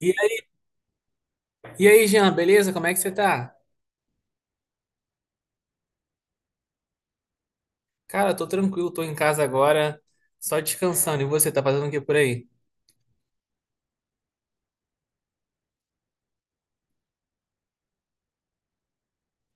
E aí, e aí, Jean, beleza? Como é que você tá? Cara, tô tranquilo, tô em casa agora, só descansando. E você, tá fazendo o que por aí?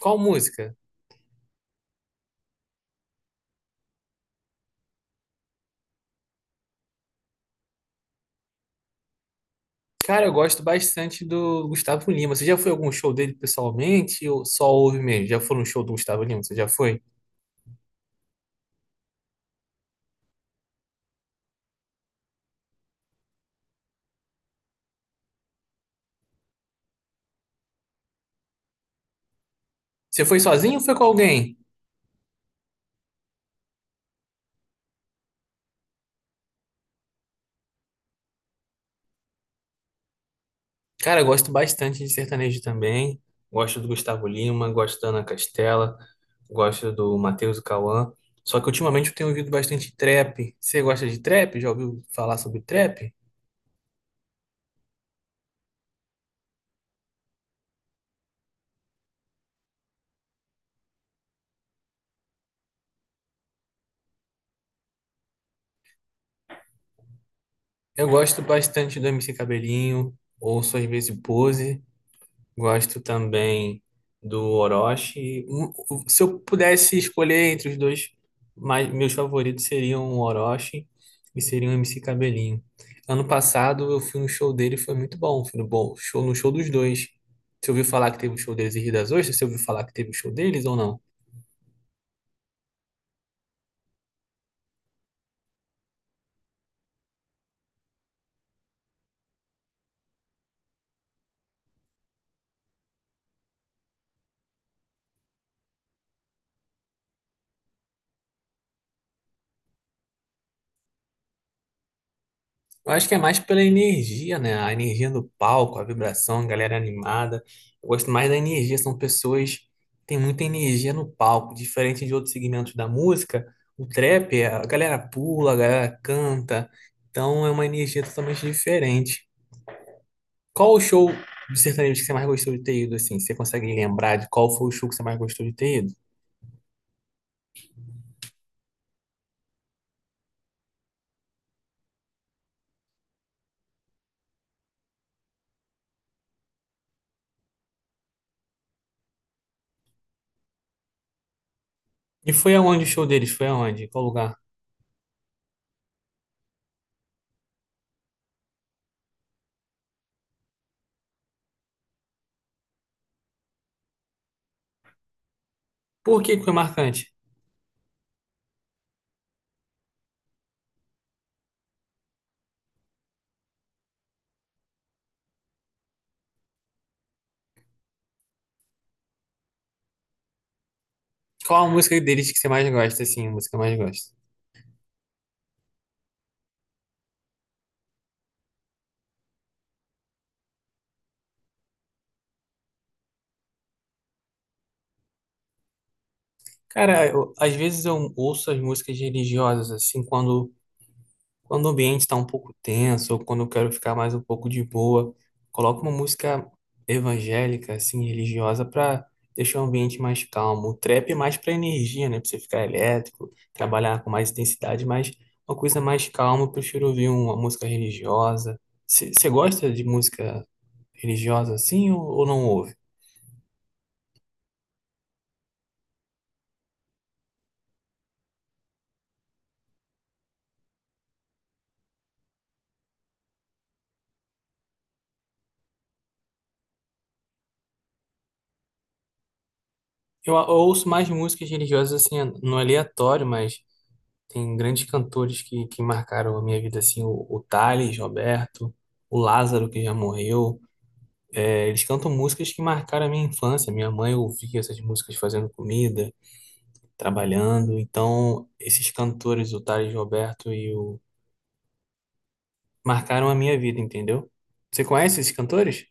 Qual música? Cara, eu gosto bastante do Gustavo Lima. Você já foi a algum show dele pessoalmente ou só ouve mesmo? Já foi num show do Gustavo Lima? Você já foi? Você foi sozinho ou foi com alguém? Cara, eu gosto bastante de sertanejo também. Gosto do Gustavo Lima, gosto da Ana Castela, gosto do Matheus e Cauã. Só que ultimamente eu tenho ouvido bastante trap. Você gosta de trap? Já ouviu falar sobre trap? Eu gosto bastante do MC Cabelinho, ouço às vezes o Pose, gosto também do Orochi. Se eu pudesse escolher entre os dois, mas meus favoritos seriam o Orochi e seriam o MC Cabelinho. Ano passado eu fui no show dele, e foi muito bom, foi no show dos dois. Você ouviu falar que teve um show deles em Rio das Ostras? Você ouviu falar que teve um show deles ou não? Eu acho que é mais pela energia, né? A energia do palco, a vibração, a galera animada. Eu gosto mais da energia, são pessoas que têm muita energia no palco, diferente de outros segmentos da música. O trap, a galera pula, a galera canta, então é uma energia totalmente diferente. Qual o show de sertanejo que você mais gostou de ter ido, assim? Você consegue lembrar de qual foi o show que você mais gostou de ter ido? E foi aonde o show deles? Foi aonde? Qual lugar? Por que que foi marcante? Qual a música deles que você mais gosta, assim? A música que mais gosta? Cara, às vezes eu ouço as músicas religiosas, assim, quando, quando o ambiente está um pouco tenso, ou quando eu quero ficar mais um pouco de boa, coloco uma música evangélica, assim, religiosa, para deixar o ambiente mais calmo. O trap é mais para energia, né? Para você ficar elétrico, trabalhar com mais intensidade, mas uma coisa mais calma, eu prefiro ouvir uma música religiosa. Você gosta de música religiosa, assim, ou não ouve? Eu ouço mais músicas religiosas, assim, no aleatório, mas. Tem grandes cantores que marcaram a minha vida, assim, o Thales, Roberto, o Lázaro, que já morreu. É, eles cantam músicas que marcaram a minha infância. Minha mãe ouvia essas músicas fazendo comida, trabalhando. Então, esses cantores, o Thales, Roberto e o... marcaram a minha vida, entendeu? Você conhece esses cantores?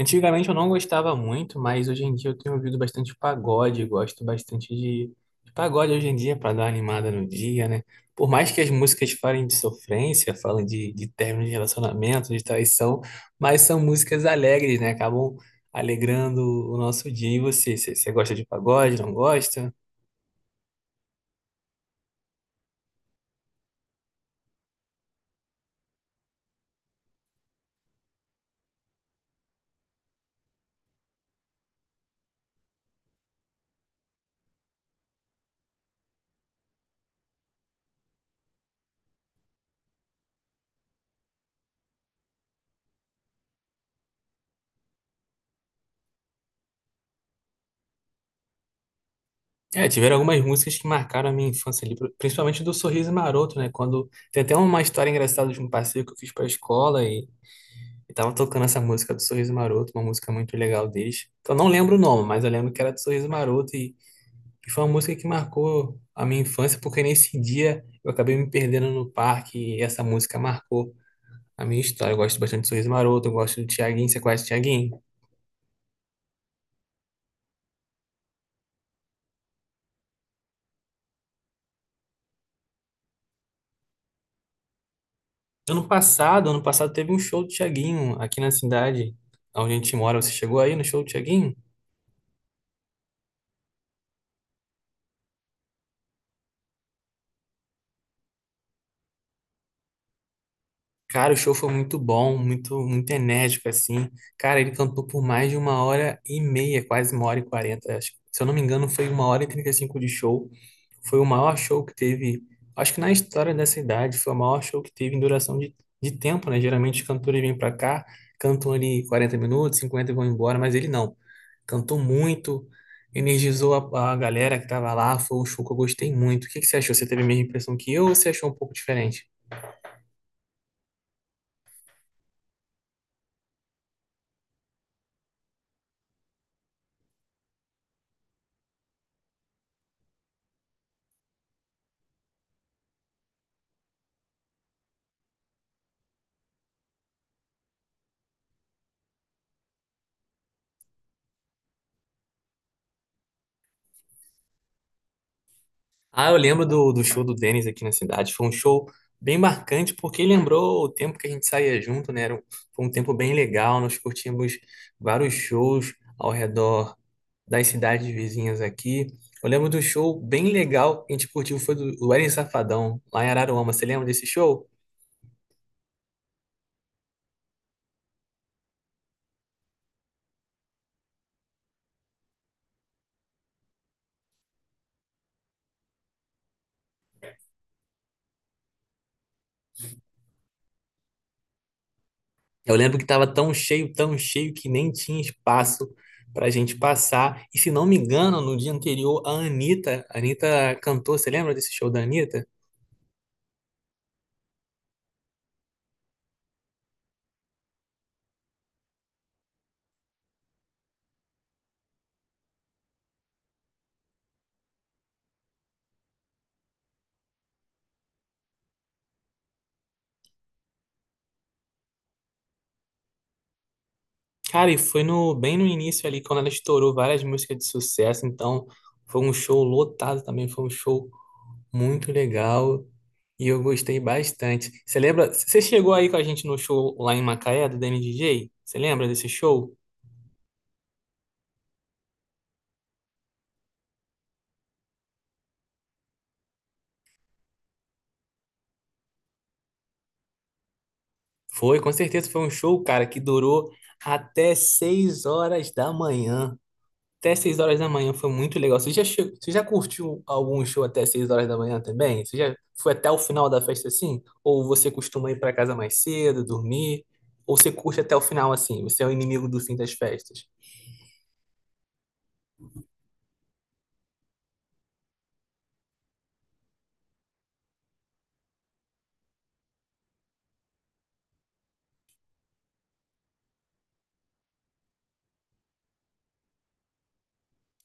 Antigamente eu não gostava muito, mas hoje em dia eu tenho ouvido bastante pagode, gosto bastante de pagode hoje em dia para dar uma animada no dia, né? Por mais que as músicas falem de sofrência, falem de término de relacionamento, de traição, mas são músicas alegres, né? Acabam alegrando o nosso dia. E você, você gosta de pagode, não gosta? É, tiveram algumas músicas que marcaram a minha infância ali, principalmente do Sorriso Maroto, né? Quando tem até uma história engraçada de um passeio que eu fiz para a escola e tava tocando essa música do Sorriso Maroto, uma música muito legal deles. Que eu não lembro o nome, mas eu lembro que era do Sorriso Maroto e foi uma música que marcou a minha infância, porque nesse dia eu acabei me perdendo no parque e essa música marcou a minha história. Eu gosto bastante do Sorriso Maroto, eu gosto do Thiaguinho, você conhece o Thiaguinho? Ano passado teve um show do Thiaguinho aqui na cidade onde a gente mora. Você chegou aí no show do Thiaguinho? Cara, o show foi muito bom, muito, muito enérgico, assim. Cara, ele cantou por mais de uma hora e meia, quase uma hora e quarenta. Acho, se eu não me engano, foi uma hora e trinta e cinco de show. Foi o maior show que teve, acho que na história dessa idade, foi o maior show que teve em duração de tempo, né? Geralmente os cantores vêm pra cá, cantam ali 40 minutos, 50 e vão embora, mas ele não. Cantou muito, energizou a galera que tava lá, foi um show que eu gostei muito. O que que você achou? Você teve a mesma impressão que eu ou você achou um pouco diferente? Ah, eu lembro do show do Denis aqui na cidade. Foi um show bem marcante, porque lembrou o tempo que a gente saía junto, né? Foi um tempo bem legal. Nós curtimos vários shows ao redor das cidades vizinhas aqui. Eu lembro do show bem legal que a gente curtiu, foi do Wesley Safadão, lá em Araruama. Você lembra desse show? Eu lembro que estava tão cheio, que nem tinha espaço para a gente passar. E se não me engano, no dia anterior, a Anitta cantou. Você lembra desse show da Anitta? Cara, e foi no, bem no início ali, quando ela estourou várias músicas de sucesso, então foi um show lotado também, foi um show muito legal e eu gostei bastante. Você lembra? Você chegou aí com a gente no show lá em Macaé, do DNDJ? Você lembra desse show? Foi, com certeza foi um show, cara, que durou até 6 horas da manhã. Até 6 horas da manhã foi muito legal. Você já curtiu algum show até 6 horas da manhã também? Você já foi até o final da festa assim? Ou você costuma ir para casa mais cedo, dormir? Ou você curte até o final assim? Você é o inimigo do fim das festas?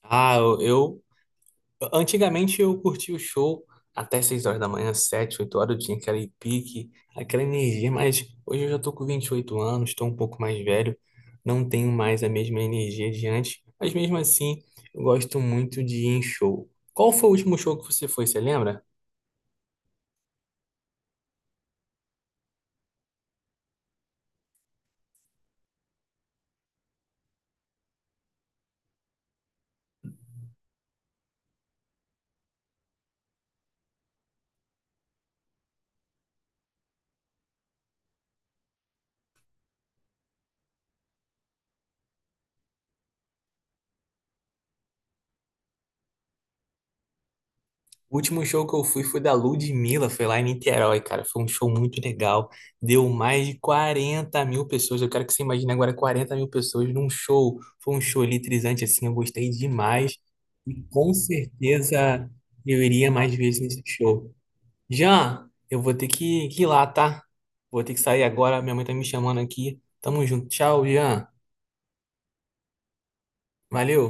Ah, eu antigamente eu curtia o show até 6 horas da manhã, 7, 8 horas, eu tinha aquele pique, aquela energia, mas hoje eu já tô com 28 anos, estou um pouco mais velho, não tenho mais a mesma energia de antes, mas mesmo assim eu gosto muito de ir em show. Qual foi o último show que você foi, você lembra? O último show que eu fui foi da Ludmilla, foi lá em Niterói, cara. Foi um show muito legal. Deu mais de 40 mil pessoas. Eu quero que você imagine agora 40 mil pessoas num show. Foi um show eletrizante, assim, eu gostei demais. E com certeza eu iria mais vezes nesse show. Jean, eu vou ter que ir lá, tá? Vou ter que sair agora. Minha mãe tá me chamando aqui. Tamo junto. Tchau, Jean. Valeu.